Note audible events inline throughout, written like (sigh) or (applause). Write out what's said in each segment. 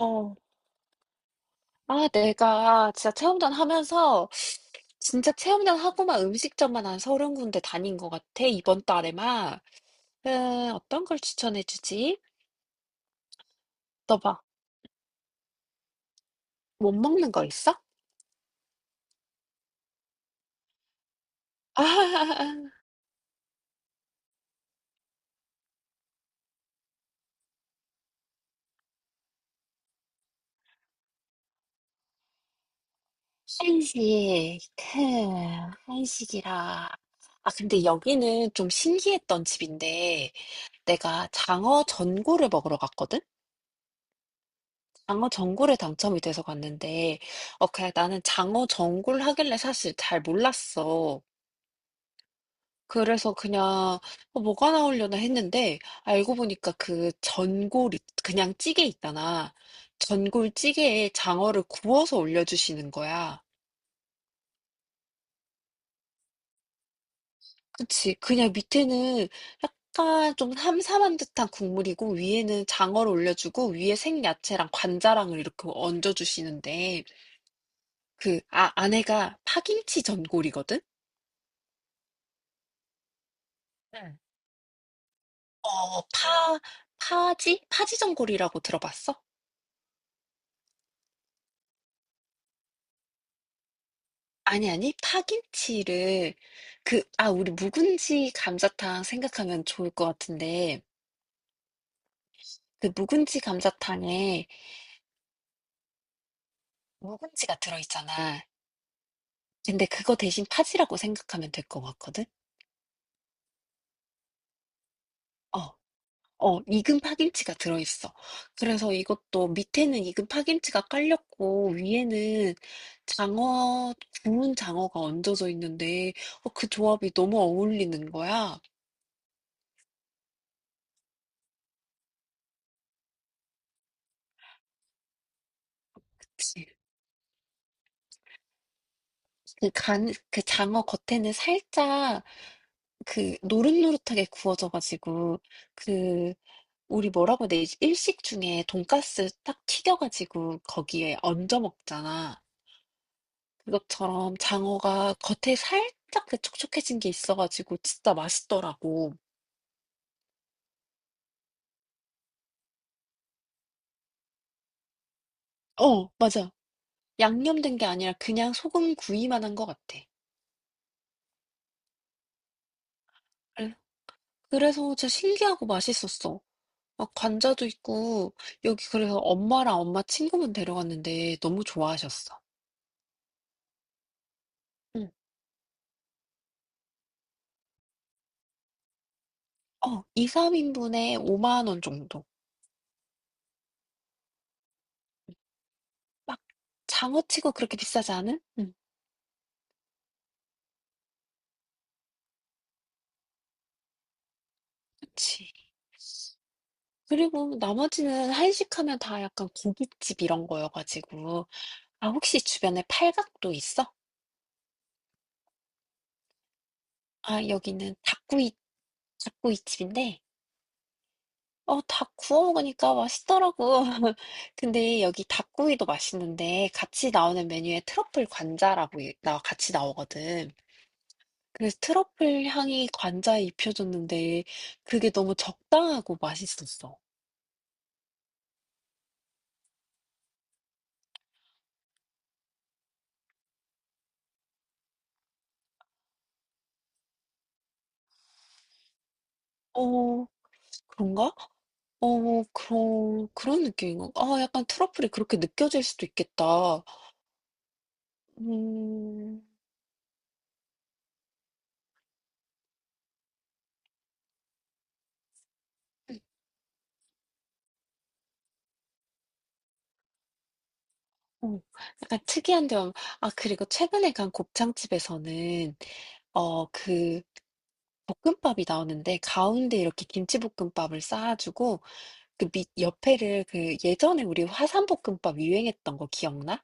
어. 아, 내가 진짜 체험전 하고만 음식점만 한 30 군데 다닌 것 같아. 이번 달에만. 어떤 걸 추천해 주지? 너 봐, 못 먹는 거 있어? (laughs) 아, 한식. 흠, 한식이라. 아, 근데 여기는 좀 신기했던 집인데 내가 장어 전골을 먹으러 갔거든? 장어 전골에 당첨이 돼서 갔는데 그냥 나는 장어 전골 하길래 사실 잘 몰랐어. 그래서 그냥 뭐가 나오려나 했는데 알고 보니까 그 그냥 찌개 있잖아. 전골 찌개에 장어를 구워서 올려주시는 거야. 그치? 그냥 밑에는 약간 좀 삼삼한 듯한 국물이고, 위에는 장어를 올려주고, 위에 생야채랑 관자랑을 이렇게 얹어주시는데 그 아내가 파김치 전골이거든? 응. 어, 파, 파지? 파지 전골이라고 들어봤어? 아니, 아니. 파김치를 우리 묵은지 감자탕 생각하면 좋을 것 같은데 그 묵은지 감자탕에 묵은지가 들어있잖아. 근데 그거 대신 파지라고 생각하면 될 것 같거든? 어. 어, 익은 파김치가 들어있어. 그래서 이것도 밑에는 익은 파김치가 깔렸고, 위에는 장어, 구운 장어가 얹어져 있는데, 그 조합이 너무 어울리는 거야. 그치? 그 장어 겉에는 살짝 그 노릇노릇하게 구워져가지고 그 우리 뭐라고 해야 되지? 일식 중에 돈가스 딱 튀겨가지고 거기에 얹어 먹잖아. 그것처럼 장어가 겉에 살짝 그 촉촉해진 게 있어가지고 진짜 맛있더라고. 어, 맞아. 양념된 게 아니라 그냥 소금 구이만 한 것 같아. 그래- 그래서 진짜 신기하고 맛있었어. 막 관자도 있고 여기 그래서 엄마랑 엄마 친구분 데려갔는데 너무 좋아하셨어. 응. 2-3 인분에 5만 원 정도. 막 장어치고 그렇게 비싸지 않은? 응. 그치. 그리고 나머지는 한식하면 다 약간 고깃집 이런 거여 가지고 아, 혹시 주변에 팔각도 있어? 아, 여기는 닭구이집인데 닭 구워 먹으니까 맛있더라고. (laughs) 근데 여기 닭구이도 맛있는데 같이 나오는 메뉴에 트러플 관자라고 이 나 같이 나오거든. 그래서 트러플 향이 관자에 입혀졌는데 그게 너무 적당하고 맛있었어. 어, 그런가? 어, 그런 느낌인 가, 아, 약간 트러플이 그렇게 느껴질 수도 있겠다. 음, 어, 약간 특이한 점. 아, 그리고 최근에 간 곱창집에서는, 어, 그, 볶음밥이 나오는데 가운데 이렇게 김치볶음밥을 쌓아주고 그 밑 옆에를, 그 예전에 우리 화산볶음밥 유행했던 거 기억나?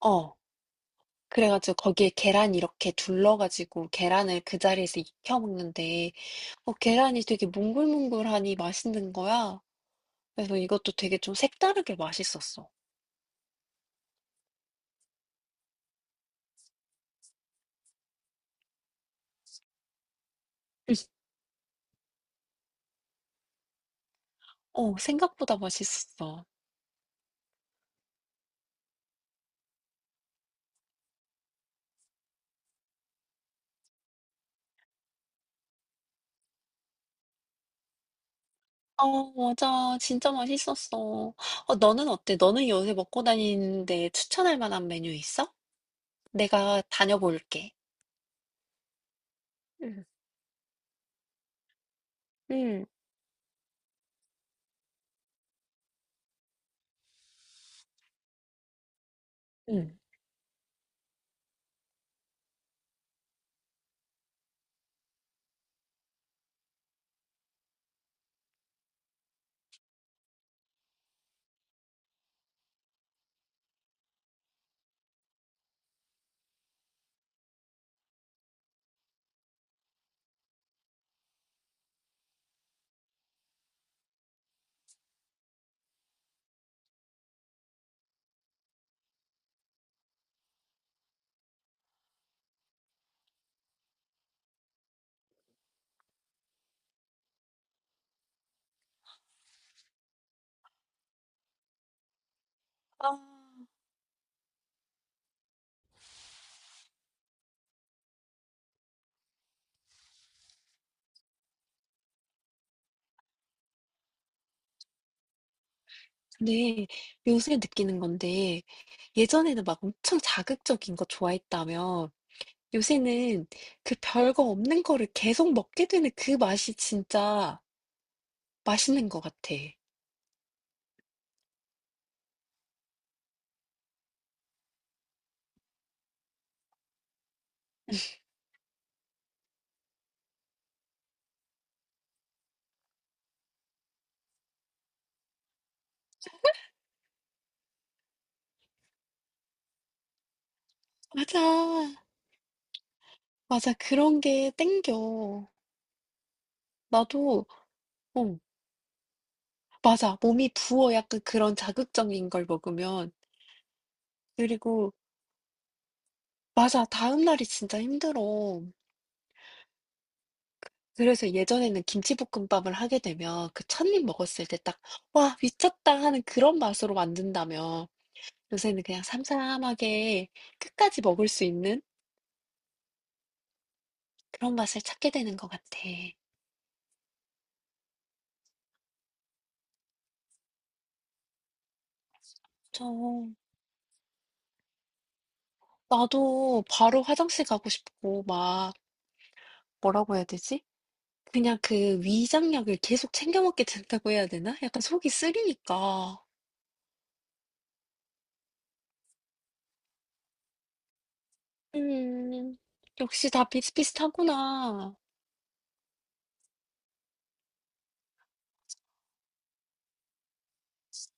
어. 그래가지고 거기에 계란 이렇게 둘러가지고 계란을 그 자리에서 익혀 먹는데 어, 계란이 되게 몽글몽글하니 맛있는 거야. 그래서 이것도 되게 좀 색다르게 맛있었어. 어, 생각보다 맛있었어. 어, 맞아. 진짜 맛있었어. 어, 너는 어때? 너는 요새 먹고 다니는데 추천할 만한 메뉴 있어? 내가 다녀볼게. 응, 응, 응. 아, 근데 요새 느끼는 건데 예전에는 막 엄청 자극적인 거 좋아했다며. 요새는 그 별거 없는 거를 계속 먹게 되는 그 맛이 진짜 맛있는 것 같아. 맞아. 맞아. 그런 게 땡겨. 나도, 어, 맞아. 몸이 부어, 약간 그런 자극적인 걸 먹으면. 그리고, 맞아. 다음날이 진짜 힘들어. 그래서 예전에는 김치볶음밥을 하게 되면 그 첫입 먹었을 때 딱, 와, 미쳤다 하는 그런 맛으로 만든다면 요새는 그냥 삼삼하게 끝까지 먹을 수 있는 그런 맛을 찾게 되는 것 같아. 저 나도 바로 화장실 가고 싶고, 막 뭐라고 해야 되지? 그냥 그 위장약을 계속 챙겨 먹게 된다고 해야 되나? 약간 속이 쓰리니까. 음, 역시 다 비슷비슷하구나.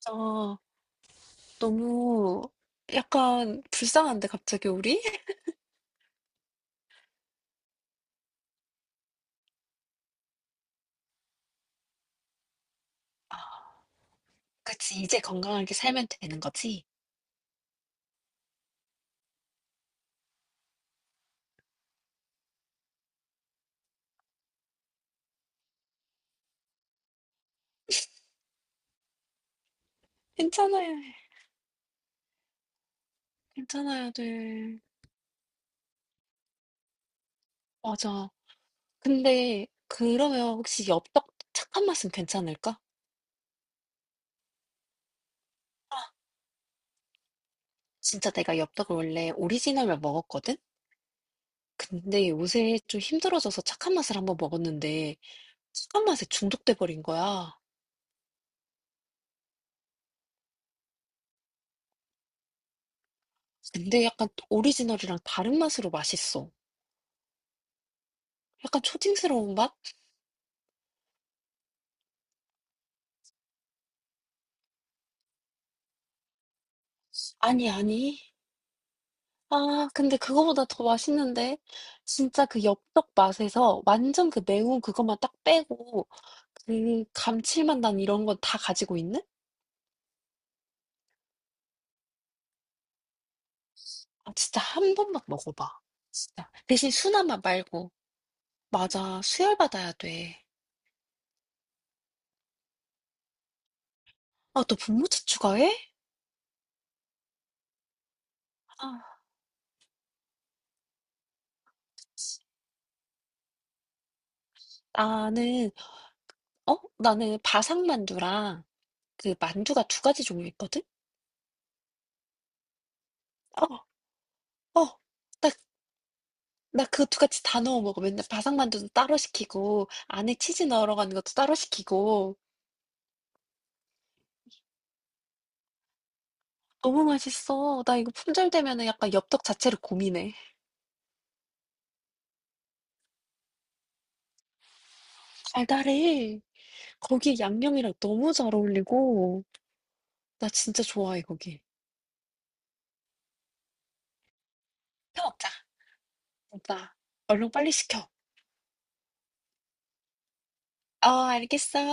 아, 너무 약간 불쌍한데 갑자기 우리? (laughs) 아, 그치. 이제 건강하게 살면 되는 거지? 괜찮아야 해. 괜찮아야 돼. 맞아. 근데 그러면 혹시 엽떡 착한 맛은 괜찮을까? 아, 진짜 내가 엽떡을 원래 오리지널만 먹었거든? 근데 요새 좀 힘들어져서 착한 맛을 한번 먹었는데 착한 맛에 중독돼 버린 거야. 근데 약간 또 오리지널이랑 다른 맛으로 맛있어. 약간 초딩스러운 맛? 아니, 아니. 아, 근데 그거보다 더 맛있는데. 진짜 그 엽떡 맛에서 완전 그 매운 그것만 딱 빼고 그 감칠맛 난 이런 건 다 가지고 있는? 아, 진짜 한 번만 먹어봐. 진짜. 대신 순한 맛 말고. 맞아. 수혈 받아야 돼. 아, 너 분무채 추가해? 아, 나는, 어? 나는 바삭만두랑 그 만두가 두 가지 종류 있거든? 어, 어. 나, 나 그 두 가지 다 넣어 먹어. 맨날 바삭만두도 따로 시키고, 안에 치즈 넣으러 가는 것도 따로 시키고. 너무 맛있어. 나 이거 품절되면은 약간 엽떡 자체를 고민해. 달달해. 거기에 양념이랑 너무 잘 어울리고. 나 진짜 좋아해, 거기. 시 먹자, 오빠. 얼른 빨리 시켜. 어, 알겠어.